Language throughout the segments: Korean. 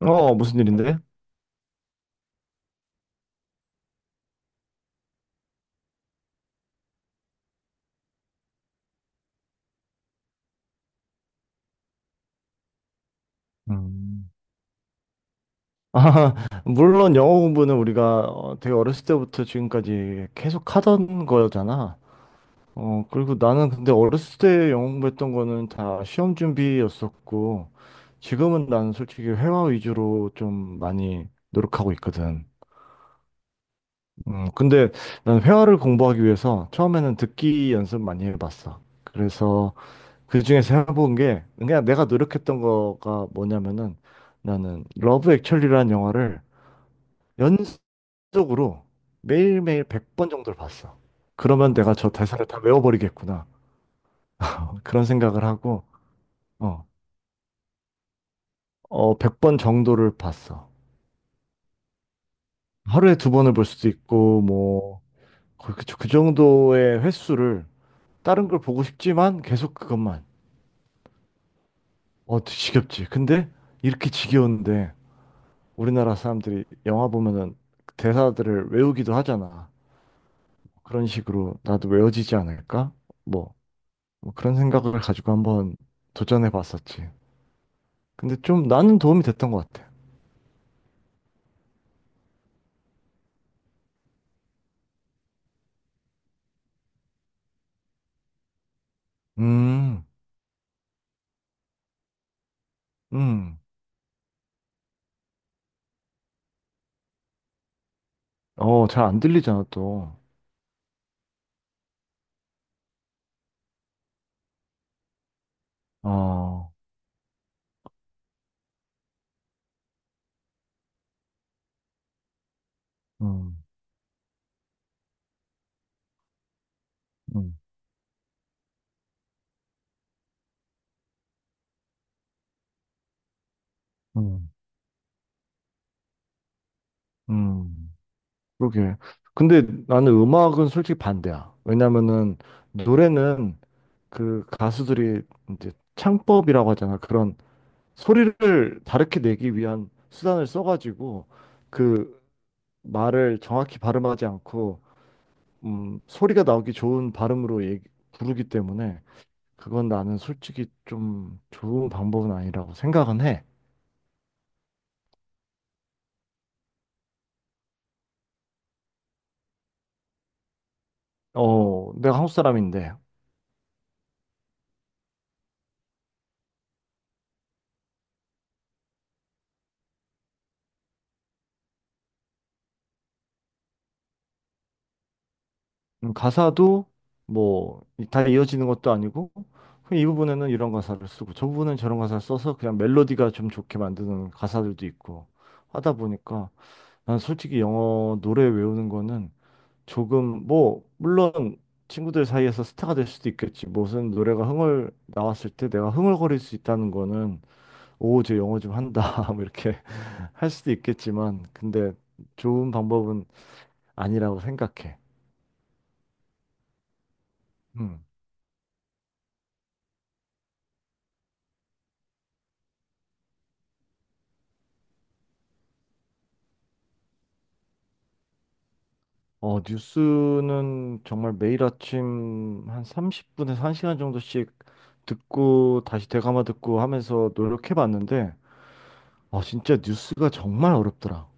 어, 어, 무슨 일인데? 음, 아, 물론 영어 공부는 우리가 되게 어렸을 때부터 지금까지 계속 하던 거잖아. 그리고 나는 근데 어렸을 때 영어 공부했던 거는 다 시험 준비였었고, 지금은 난 솔직히 회화 위주로 좀 많이 노력하고 있거든. 근데 난 회화를 공부하기 위해서 처음에는 듣기 연습 많이 해봤어. 그래서 그 중에서 해본 게 그냥 내가 노력했던 거가 뭐냐면은 나는 러브 액츄얼리라는 영화를 연속으로 매일매일 100번 정도를 봤어. 그러면 내가 저 대사를 다 외워버리겠구나. 그런 생각을 하고 어, 100번 정도를 봤어. 하루에 두 번을 볼 수도 있고 뭐 그 정도의 횟수를 다른 걸 보고 싶지만 계속 그것만. 어, 지겹지. 근데 이렇게 지겨운데 우리나라 사람들이 영화 보면은 대사들을 외우기도 하잖아. 그런 식으로 나도 외워지지 않을까? 뭐, 뭐 그런 생각을 가지고 한번 도전해 봤었지. 근데 좀 나는 도움이 됐던 것 같아. 음, 음. 어, 잘 안 들리잖아, 또. 어, 음, 음, 음, 음. 그러게. 근데 나는 음악은 솔직히 반대야. 왜냐면은 노래는 그 가수들이 이제 창법이라고 하잖아. 그런 소리를 다르게 내기 위한 수단을 써가지고 그 말을 정확히 발음하지 않고 소리가 나오기 좋은 발음으로 부르기 때문에 그건 나는 솔직히 좀 좋은 방법은 아니라고 생각은 해. 어, 내가 한국 사람인데. 가사도 뭐 다 이어지는 것도 아니고 그냥 이 부분에는 이런 가사를 쓰고 저 부분은 저런 가사를 써서 그냥 멜로디가 좀 좋게 만드는 가사들도 있고 하다 보니까 난 솔직히 영어 노래 외우는 거는 조금. 뭐, 물론 친구들 사이에서 스타가 될 수도 있겠지. 무슨 노래가 흥얼 나왔을 때 내가 흥얼거릴 수 있다는 거는, 오, 쟤 영어 좀 한다. 뭐 이렇게 할 수도 있겠지만 근데 좋은 방법은 아니라고 생각해. 음. 어, 뉴스는 정말 매일 아침 한 30분에서 1시간 정도씩 듣고 다시 되감아 듣고 하면서 노력해 봤는데 아, 진짜 뉴스가 정말 어렵더라.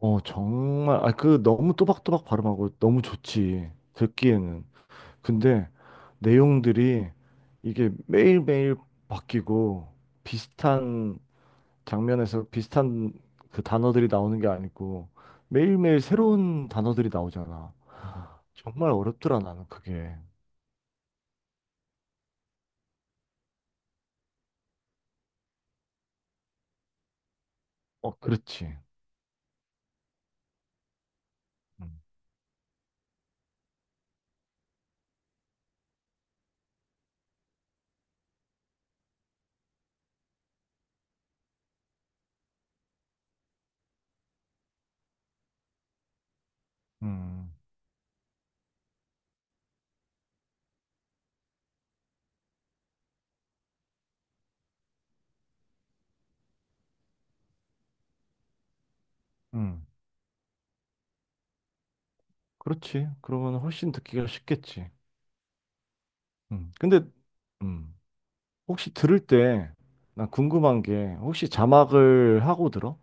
어, 정말, 아, 그 너무 또박또박 발음하고 너무 좋지, 듣기에는. 근데 내용들이 이게 매일매일 바뀌고 비슷한 장면에서 비슷한 그 단어들이 나오는 게 아니고 매일매일 새로운 단어들이 나오잖아. 정말 어렵더라, 나는 그게. 어, 그렇지. 음, 음, 음. 그렇지. 그러면 훨씬 듣기가 쉽겠지. 근데, 음. 혹시 들을 때, 나 궁금한 게, 혹시 자막을 하고 들어?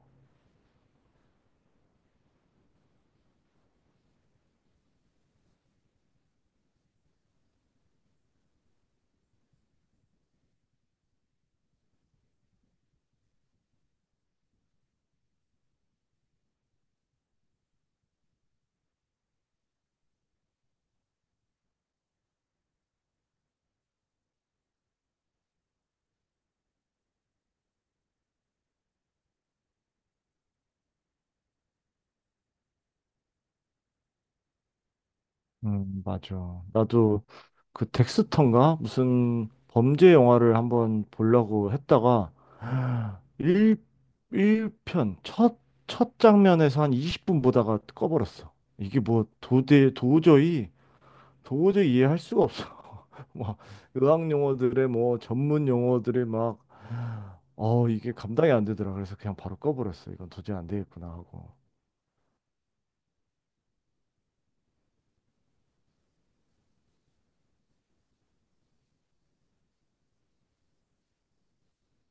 맞아. 나도 그 덱스터인가? 무슨 범죄 영화를 한번 보려고 했다가, 1, 일편 첫 장면에서 한 20분 보다가 꺼버렸어. 이게 뭐 도저히 이해할 수가 없어. 막, 의학 용어들의 뭐, 전문 용어들의 막, 이게 감당이 안 되더라. 그래서 그냥 바로 꺼버렸어. 이건 도저히 안 되겠구나 하고.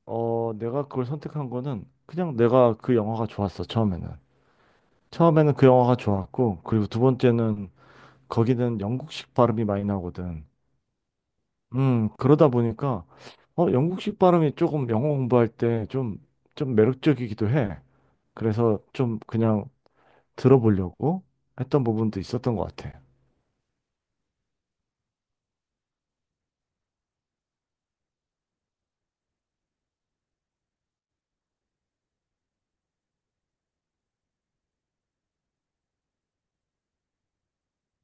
어, 내가 그걸 선택한 거는 그냥 내가 그 영화가 좋았어, 처음에는. 처음에는 그 영화가 좋았고, 그리고 두 번째는 거기는 영국식 발음이 많이 나오거든. 그러다 보니까, 영국식 발음이 조금 영어 공부할 때 좀, 매력적이기도 해. 그래서 좀 그냥 들어보려고 했던 부분도 있었던 것 같아.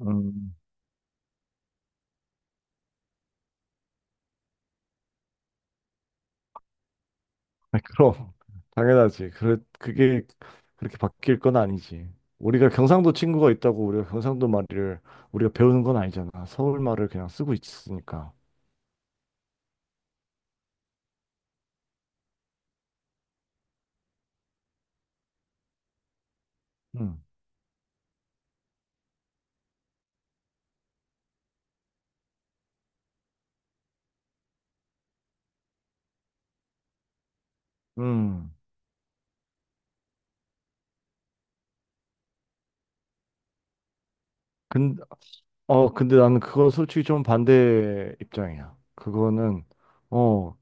음, 그럼, 당연하지. 그게 그렇게 바뀔 건 아니지. 우리가 경상도 친구가 있다고 우리가 경상도 말을 우리가 배우는 건 아니잖아. 서울 말을 그냥 쓰고 있으니까. 음. 음. 근, 근데 나는 그거 솔직히 좀 반대 입장이야. 그거는, 어,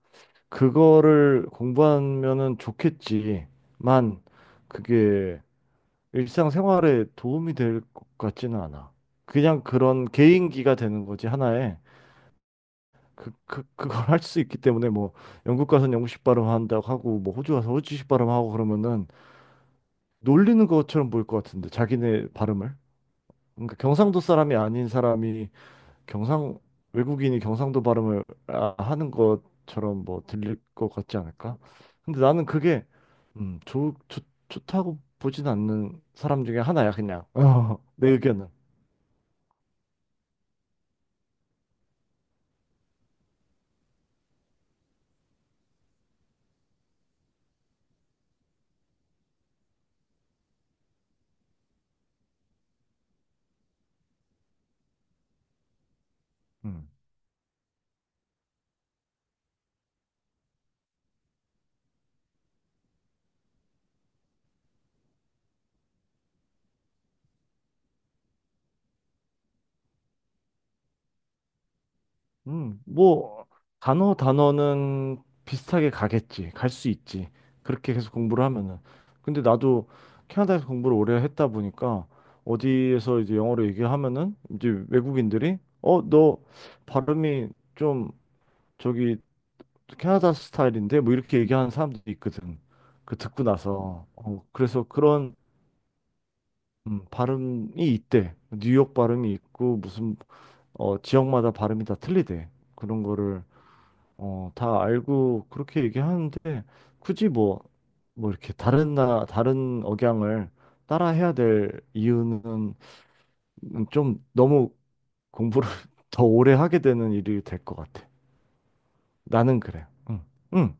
그거를 공부하면은 좋겠지만, 그게 일상생활에 도움이 될 것 같지는 않아. 그냥 그런 개인기가 되는 거지, 하나의. 그걸 할 수 있기 때문에 뭐 영국 가서는 영국식 발음 한다고 하고 뭐 호주 가서 호주식 발음 하고 그러면은 놀리는 것처럼 보일 것 같은데, 자기네 발음을. 그러니까 경상도 사람이 아닌 사람이, 경상 외국인이 경상도 발음을 하는 것처럼 뭐 들릴 것 같지 않을까? 근데 나는 그게 음, 좋, 좋, 좋다고 보진 않는 사람 중에 하나야 그냥. 내 의견은. 음. 뭐, 단어는 비슷하게 가겠지. 갈 수 있지. 그렇게 계속 공부를 하면은. 근데 나도 캐나다에서 공부를 오래 했다 보니까, 어디에서 이제 영어로 얘기하면은 이제 외국인들이, 어, 너 발음이 좀 저기 캐나다 스타일인데, 뭐 이렇게 얘기하는 사람들이 있거든. 그 듣고 나서. 그래서 그런 발음이 있대. 뉴욕 발음이 있고 무슨 지역마다 발음이 다 틀리대. 그런 거를 다 알고 그렇게 얘기하는데 굳이 뭐, 뭐 이렇게 다른 억양을 따라 해야 될 이유는. 좀 너무 공부를 더 오래 하게 되는 일이 될 것 같아. 나는 그래. 응, 응,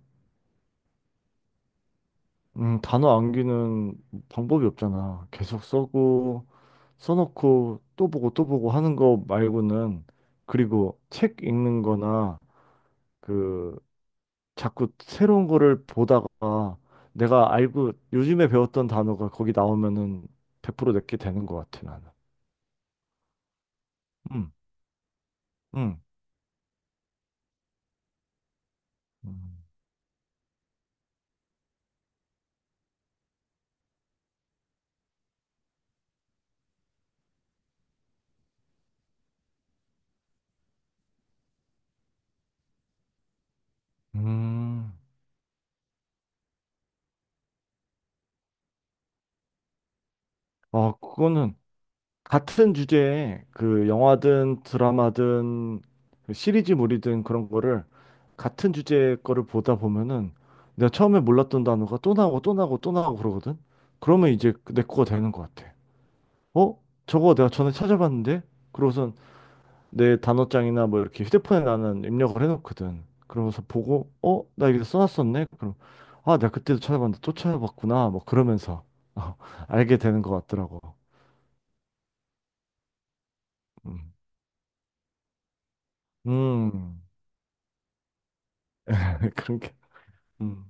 응. 단어 암기는 방법이 없잖아. 계속 써고 써놓고 또 보고 또 보고 하는 거 말고는. 그리고 책 읽는 거나 그 자꾸 새로운 거를 보다가 내가 알고 요즘에 배웠던 단어가 거기 나오면은 100% 내게 되는 것 같아, 나는. 음, 음. 음. 음. 아, 그거는 같은 주제에 그 영화든 드라마든 그 시리즈물이든 그런 거를, 같은 주제의 거를 보다 보면은 내가 처음에 몰랐던 단어가 또 나오고 또 나오고 또 나오고 그러거든? 그러면 이제 내 거가 되는 것 같아. 어? 저거 내가 전에 찾아봤는데? 그러고선 내 단어장이나 뭐 이렇게 휴대폰에 나는 입력을 해놓거든. 그러면서 보고, 어? 나 이거 써놨었네? 그럼, 아, 내가 그때도 찾아봤는데 또 찾아봤구나. 뭐 그러면서 어, 알게 되는 것 같더라고. 음, 음. 그런 게, 음.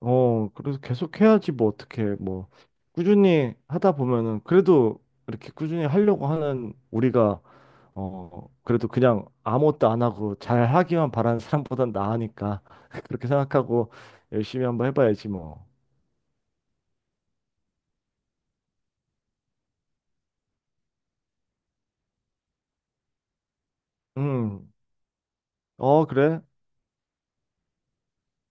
어, 그래서 계속 해야지, 뭐 어떻게. 뭐, 꾸준히 하다 보면은 그래도 이렇게 꾸준히 하려고 하는 우리가 그래도 그냥 아무것도 안 하고 잘 하기만 바라는 사람보단 나으니까. 그렇게 생각하고 열심히 한번 해봐야지 뭐. 음. 어, 그래.